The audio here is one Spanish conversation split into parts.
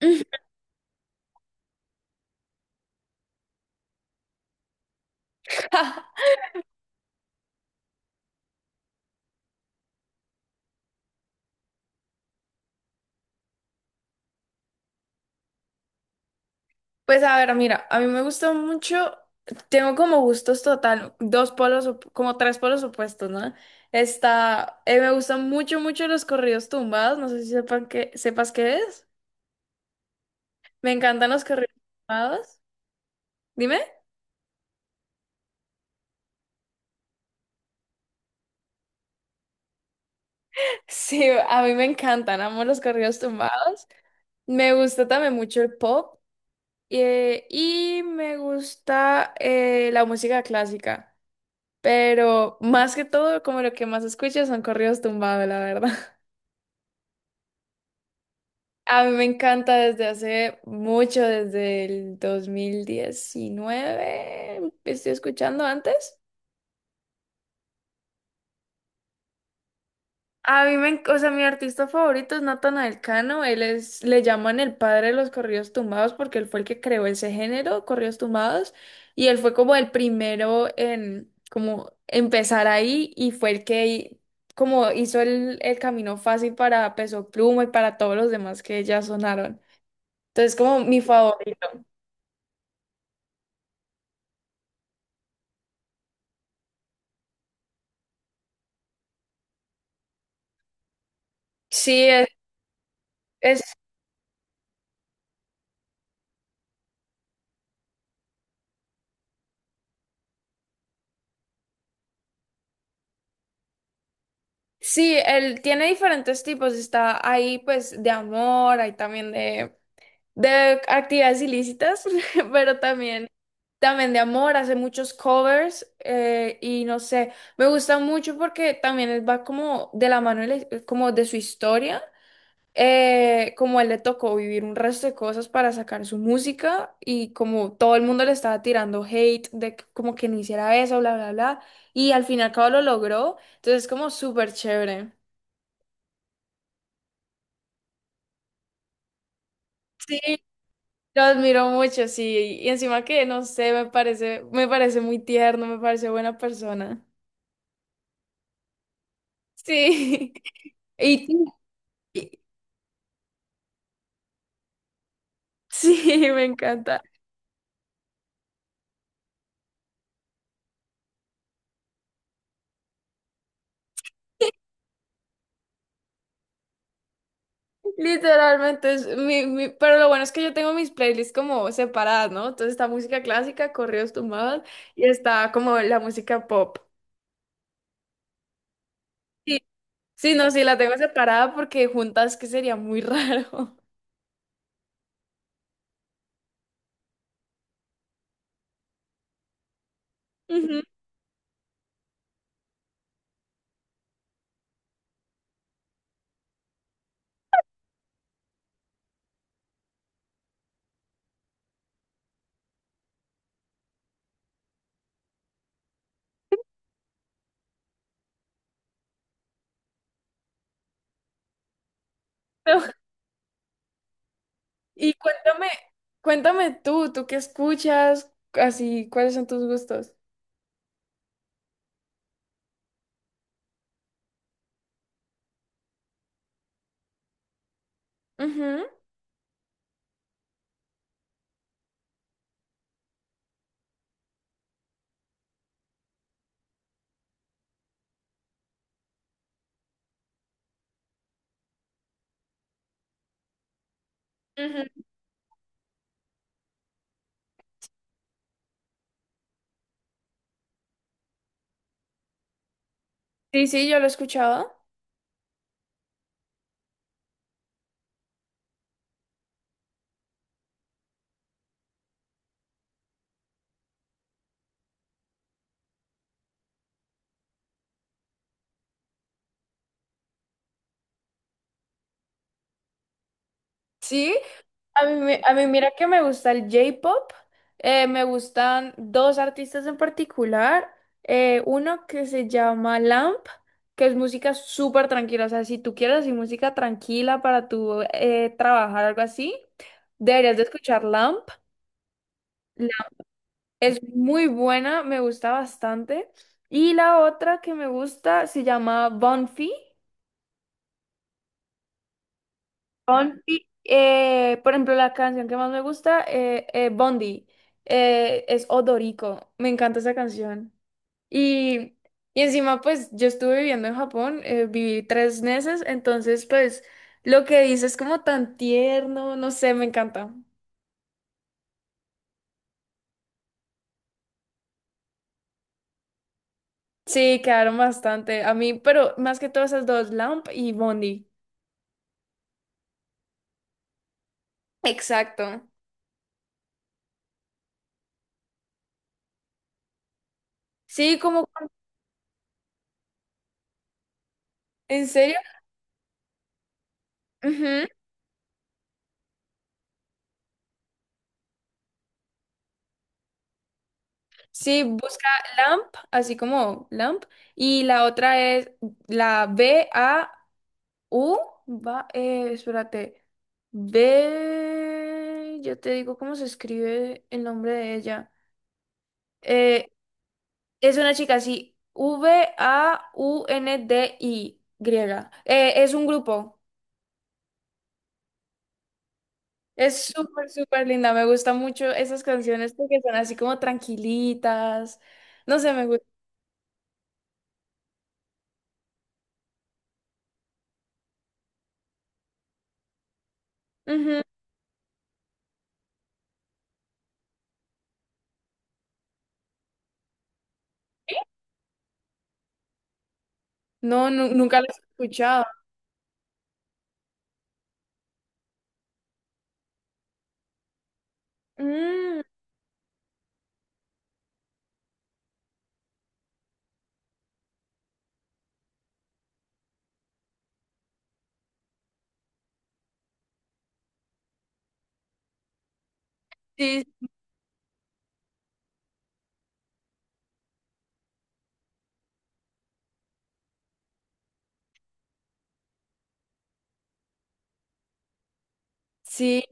Pues a ver, mira, a mí me gusta mucho, tengo como gustos total, dos polos, como tres polos opuestos, ¿no? Me gustan mucho, mucho los corridos tumbados, no sé si sepas qué es. Me encantan los corridos tumbados. Dime. Sí, a mí me encantan, amo los corridos tumbados. Me gusta también mucho el pop, y me gusta, la música clásica, pero más que todo, como lo que más escucho son corridos tumbados, la verdad. A mí me encanta desde hace mucho, desde el 2019. Estoy escuchando antes. A mí me, enc- O sea, mi artista favorito es Natanael Cano. Le llaman el padre de los corridos tumbados porque él fue el que creó ese género, corridos tumbados, y él fue como el primero en como empezar ahí y fue el que como hizo el camino fácil para Peso Pluma y para todos los demás que ya sonaron. Entonces, como mi favorito. Sí, es, Sí, él tiene diferentes tipos. Está ahí, pues, de amor, hay también de actividades ilícitas, pero también de amor. Hace muchos covers, y no sé, me gusta mucho porque también él va como de la mano, como de su historia. Como él le tocó vivir un resto de cosas para sacar su música y como todo el mundo le estaba tirando hate de como que no hiciera eso, bla, bla, bla. Y al fin y al cabo lo logró. Entonces, es como súper chévere. Sí, lo admiro mucho, sí. Y encima que, no sé, me parece, muy tierno, me parece buena persona. Sí. Y y- sí, me encanta. Literalmente es mi. Pero lo bueno es que yo tengo mis playlists como separadas, ¿no? Entonces está música clásica, corridos tumbados, y está como la música pop. Sí, sí, no, sí, la tengo separada porque juntas que sería muy raro. Ujú. Y cuéntame tú qué escuchas, así, cuáles son tus gustos. Ujú, ujú. Sí, sí, yo lo he escuchado. Sí, a mí mira que me gusta el J-pop. Me gustan dos artistas en particular. Uno que se llama Lamp, que es música súper tranquila. O sea, si tú quieres así música tranquila para tu, trabajar, algo así, deberías de escuchar Lamp. Es muy buena, me gusta bastante. Y la otra que me gusta se llama Bonfi. Bonfi, por ejemplo, la canción que más me gusta, Bondi, es Odorico. Me encanta esa canción. Y, y encima, pues yo estuve viviendo en Japón, viví 3 meses, entonces, pues lo que dice es como tan tierno, no sé, me encanta. Sí, quedaron bastante. A mí, pero más que todas esas dos, Lamp y Bondi. Exacto. Sí, como. ¿En serio? Ujú. Sí, busca Lamp, así como Lamp, y la otra es la B-A-U, va, espérate, B, yo te digo cómo se escribe el nombre de ella. Eh, es una chica así, V-A-U-N-D-I, griega. Es un grupo. Es súper, súper linda. Me gustan mucho esas canciones porque son así como tranquilitas. No sé, me gusta. No, nunca los he escuchado. Mm, sí, sí,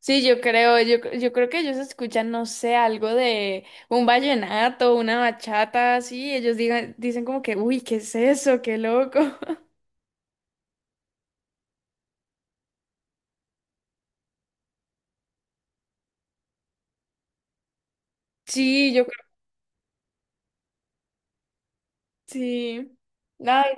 sí, yo creo, yo creo que ellos escuchan, no sé, algo de un vallenato, una bachata, así, ellos dicen como que, uy, ¿qué es eso? ¡Qué loco! Sí, yo creo, sí. Ay,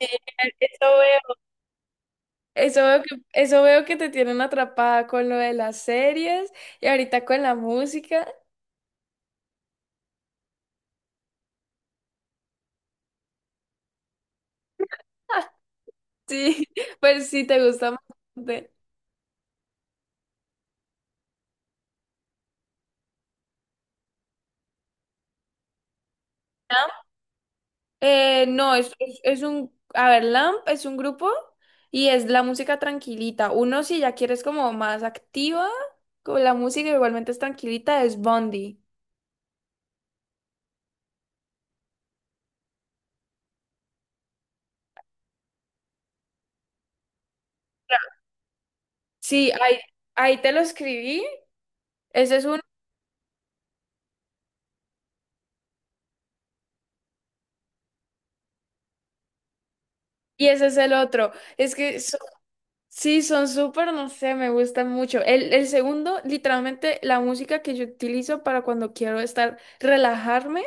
sí, e, eso veo, eso veo que te tienen atrapada con lo de las series y ahorita con la música. Sí, pues sí, te gusta bastante. No, a ver, Lamp es un grupo y es la música tranquilita. Uno si ya quieres como más activa con la música, igualmente es tranquilita, es Bondi. Sí, ahí te lo escribí, ese es uno y ese es el otro. Es que sí, son súper, no sé, me gustan mucho. El segundo, literalmente la música que yo utilizo para cuando quiero estar, relajarme.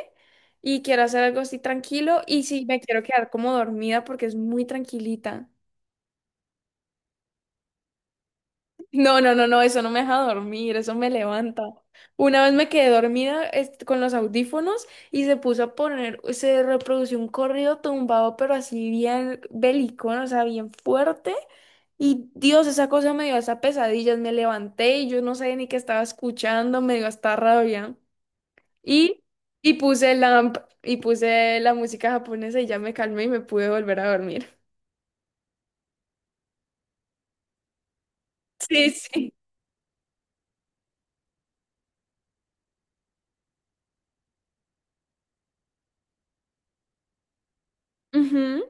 Y quiero hacer algo así tranquilo y si me quiero quedar como dormida porque es muy tranquilita. No, no, no, no, eso no me deja dormir, eso me levanta. Una vez me quedé dormida, con los audífonos y se puso a poner, se reprodució un corrido tumbado, pero así bien bélico, ¿no? O sea, bien fuerte. Y Dios, esa cosa me dio hasta pesadillas, me levanté y yo no sabía ni qué estaba escuchando, me dio hasta rabia. Y, y puse la, y puse la música japonesa y ya me calmé y me pude volver a dormir. Sí, sí. Ujú.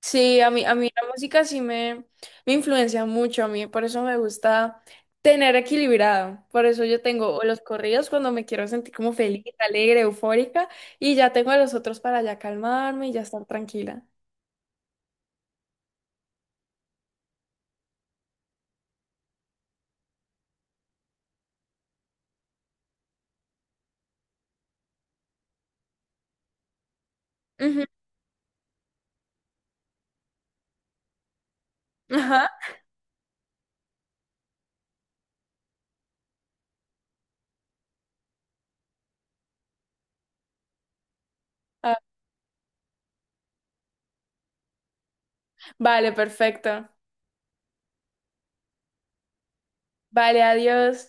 Sí, a mí la música sí me influencia mucho, a mí por eso me gusta tener equilibrado, por eso yo tengo o los corridos cuando me quiero sentir como feliz, alegre, eufórica, y ya tengo a los otros para ya calmarme y ya estar tranquila. Ujú, ajá. Ah, vale, perfecto. Vale, adiós.